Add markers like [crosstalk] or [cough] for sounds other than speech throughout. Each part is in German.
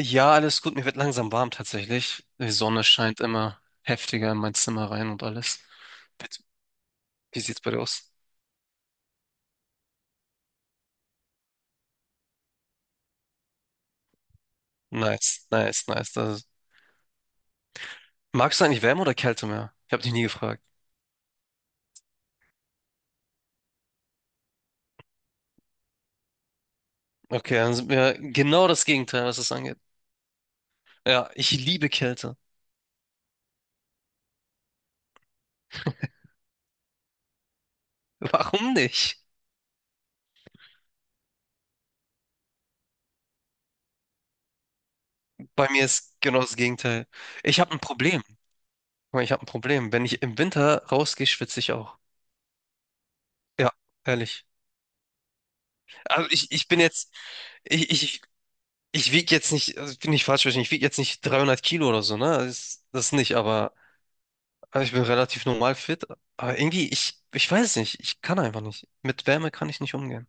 Ja, alles gut. Mir wird langsam warm tatsächlich. Die Sonne scheint immer heftiger in mein Zimmer rein und alles. Wie, wie sieht's bei dir aus? Nice, nice, nice. Magst du eigentlich Wärme oder Kälte mehr? Ich habe dich nie gefragt. Okay, dann sind wir genau das Gegenteil, was das angeht. Ja, ich liebe Kälte. [laughs] Warum nicht? Bei mir ist genau das Gegenteil. Ich habe ein Problem. Ich habe ein Problem. Wenn ich im Winter rausgehe, schwitze ich auch. Ja, ehrlich. Also ich bin jetzt, ich, ich Ich wiege jetzt nicht, also ich bin ich falsch verstehen, ich wiege jetzt nicht 300 Kilo oder so, ne? Das nicht, aber ich bin relativ normal fit. Aber irgendwie, ich weiß nicht, ich kann einfach nicht. Mit Wärme kann ich nicht umgehen.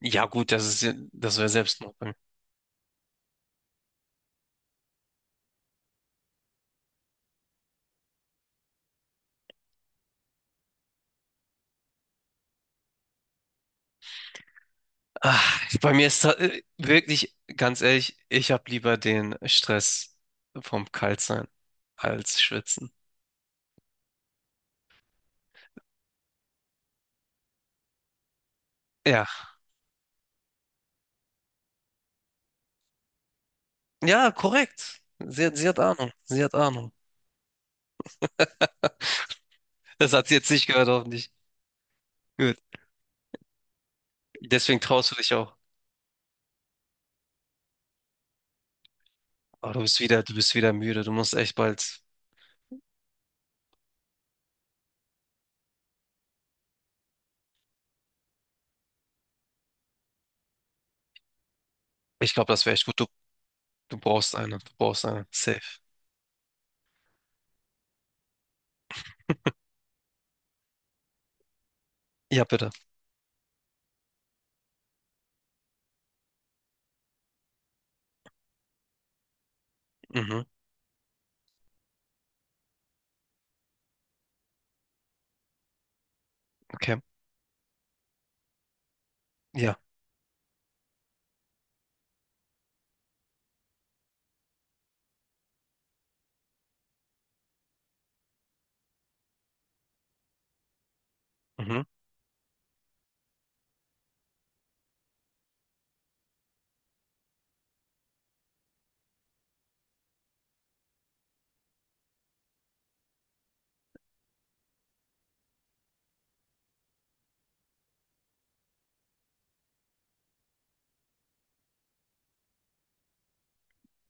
Ja, gut, das wäre Selbstmord bei mir. Ah, bei mir ist wirklich, ganz ehrlich, ich habe lieber den Stress vom Kaltsein als Schwitzen. Ja, ja, korrekt. Sie hat Ahnung, sie hat Ahnung. Das hat sie jetzt nicht gehört, hoffentlich. Gut, deswegen traust du dich auch. Oh, du bist wieder müde. Du musst echt bald. Ich glaube, das wäre echt gut. Du brauchst eine. Du brauchst eine. Safe. Ja, bitte. Mhm. Okay. Ja. Mhm.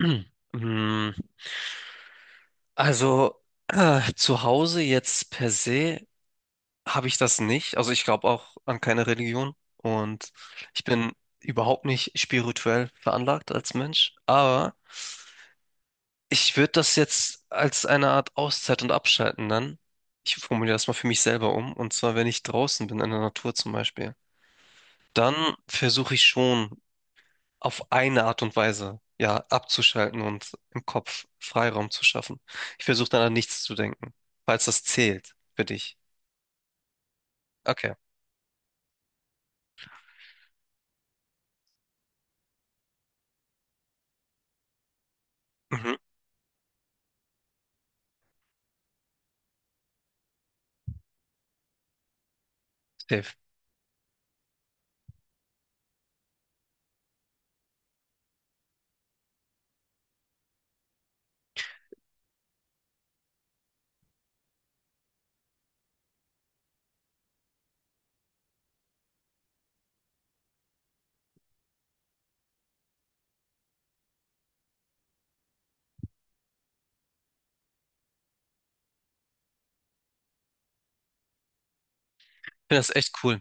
[clears throat] Mm, Also, zu Hause jetzt per se habe ich das nicht. Also ich glaube auch an keine Religion. Und ich bin überhaupt nicht spirituell veranlagt als Mensch. Aber ich würde das jetzt als eine Art Auszeit und Abschalten dann. Ich formuliere das mal für mich selber um. Und zwar, wenn ich draußen bin, in der Natur zum Beispiel, dann versuche ich schon auf eine Art und Weise, ja, abzuschalten und im Kopf Freiraum zu schaffen. Ich versuche dann an nichts zu denken, falls das zählt für dich. Okay. Mhm. Safe. Ich finde das echt cool.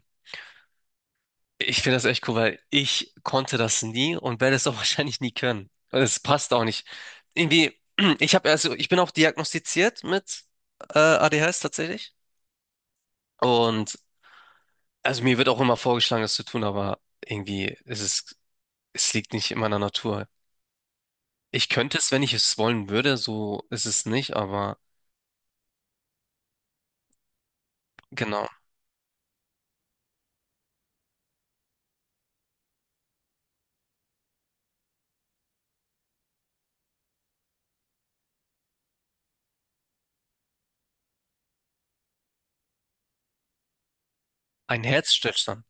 Ich finde das echt cool, weil ich konnte das nie und werde es auch [laughs] wahrscheinlich nie können. Und es passt auch nicht. Irgendwie, [clears throat] ich bin auch diagnostiziert mit ADHS tatsächlich. Und also mir wird auch immer vorgeschlagen, das zu tun, aber irgendwie ist es liegt nicht in meiner Natur. Ich könnte es, wenn ich es wollen würde, so ist es nicht, aber genau. Ein Herzstillstand.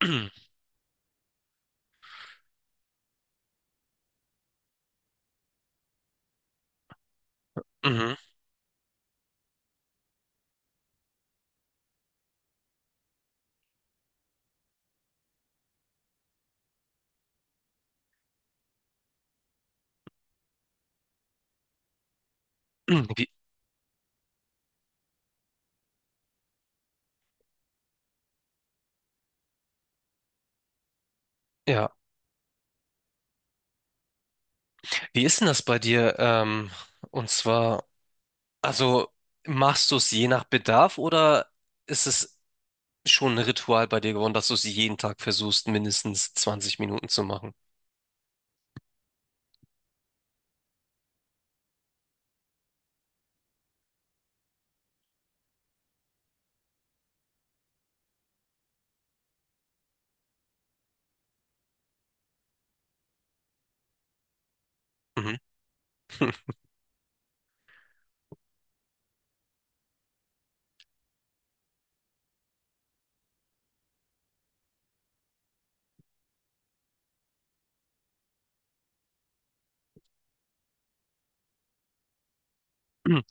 [clears throat] Mhm. [clears throat] Wie, ja. Wie ist denn das bei dir? Und zwar, also machst du es je nach Bedarf oder ist es schon ein Ritual bei dir geworden, dass du es jeden Tag versuchst, mindestens 20 Minuten zu machen? Mhm.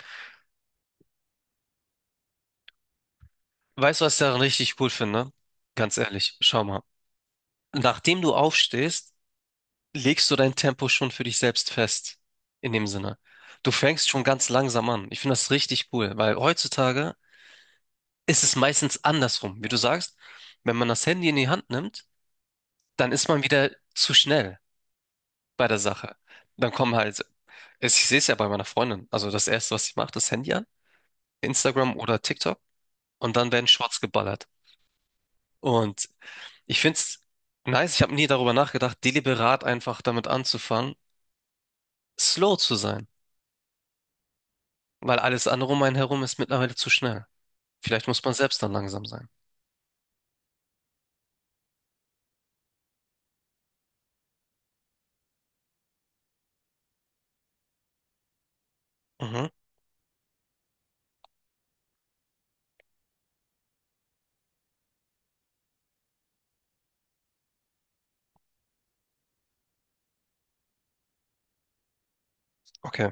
Weißt du, was ich daran richtig cool finde? Ganz ehrlich, schau mal. Nachdem du aufstehst, legst du dein Tempo schon für dich selbst fest. In dem Sinne. Du fängst schon ganz langsam an. Ich finde das richtig cool, weil heutzutage ist es meistens andersrum. Wie du sagst, wenn man das Handy in die Hand nimmt, dann ist man wieder zu schnell bei der Sache. Dann kommen halt, ich sehe es ja bei meiner Freundin. Also das Erste, was sie macht, das Handy an, Instagram oder TikTok, und dann werden Shorts geballert. Und ich find's nice, ich habe nie darüber nachgedacht, deliberat einfach damit anzufangen, slow zu sein, weil alles andere um einen herum ist mittlerweile zu schnell. Vielleicht muss man selbst dann langsam sein. Mhm. Okay.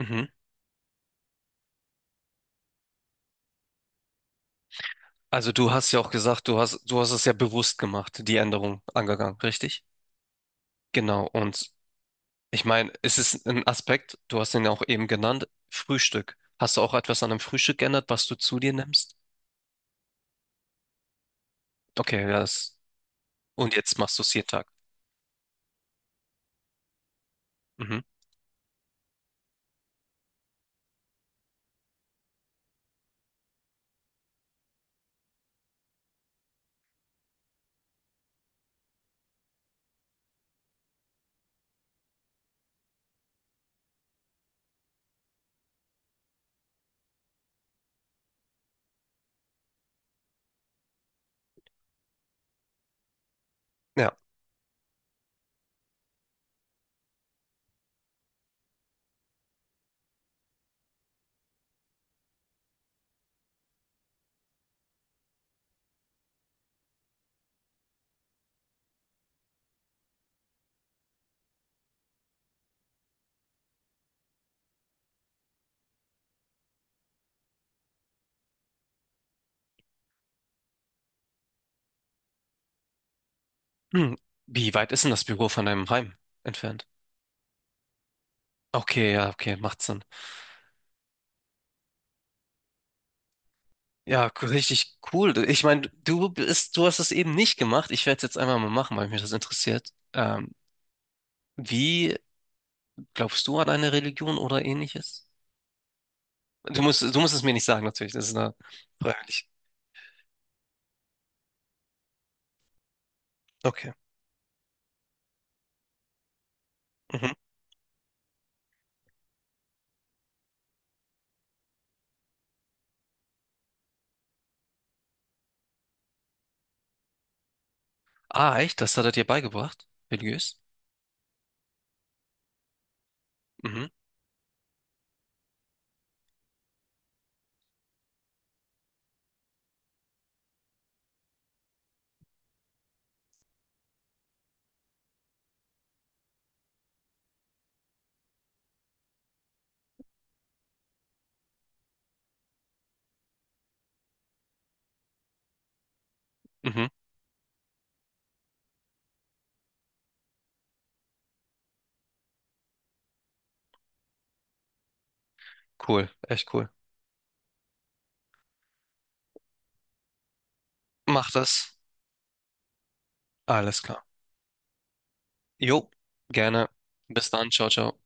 Mhm. Also du hast ja auch gesagt, du hast es ja bewusst gemacht, die Änderung angegangen, richtig? Genau. Und ich meine, es ist ein Aspekt, du hast ihn ja auch eben genannt, Frühstück. Hast du auch etwas an dem Frühstück geändert, was du zu dir nimmst? Okay, ja, das. Und jetzt machst du es jeden Tag. Mhm. Ja. Hm, wie weit ist denn das Büro von deinem Heim entfernt? Okay, ja, okay, macht Sinn. Ja, richtig cool. Ich meine, du hast es eben nicht gemacht. Ich werde es jetzt einmal mal machen, weil mich das interessiert. Wie glaubst du an eine Religion oder ähnliches? Du musst es mir nicht sagen, natürlich. Das ist eine freiwillig. Okay. Mhm. Ah, echt? Das hat er dir beigebracht? Religiös? Mhm. Mhm. Cool. Echt cool. Mach das. Alles klar. Jo, gerne. Bis dann. Ciao, ciao.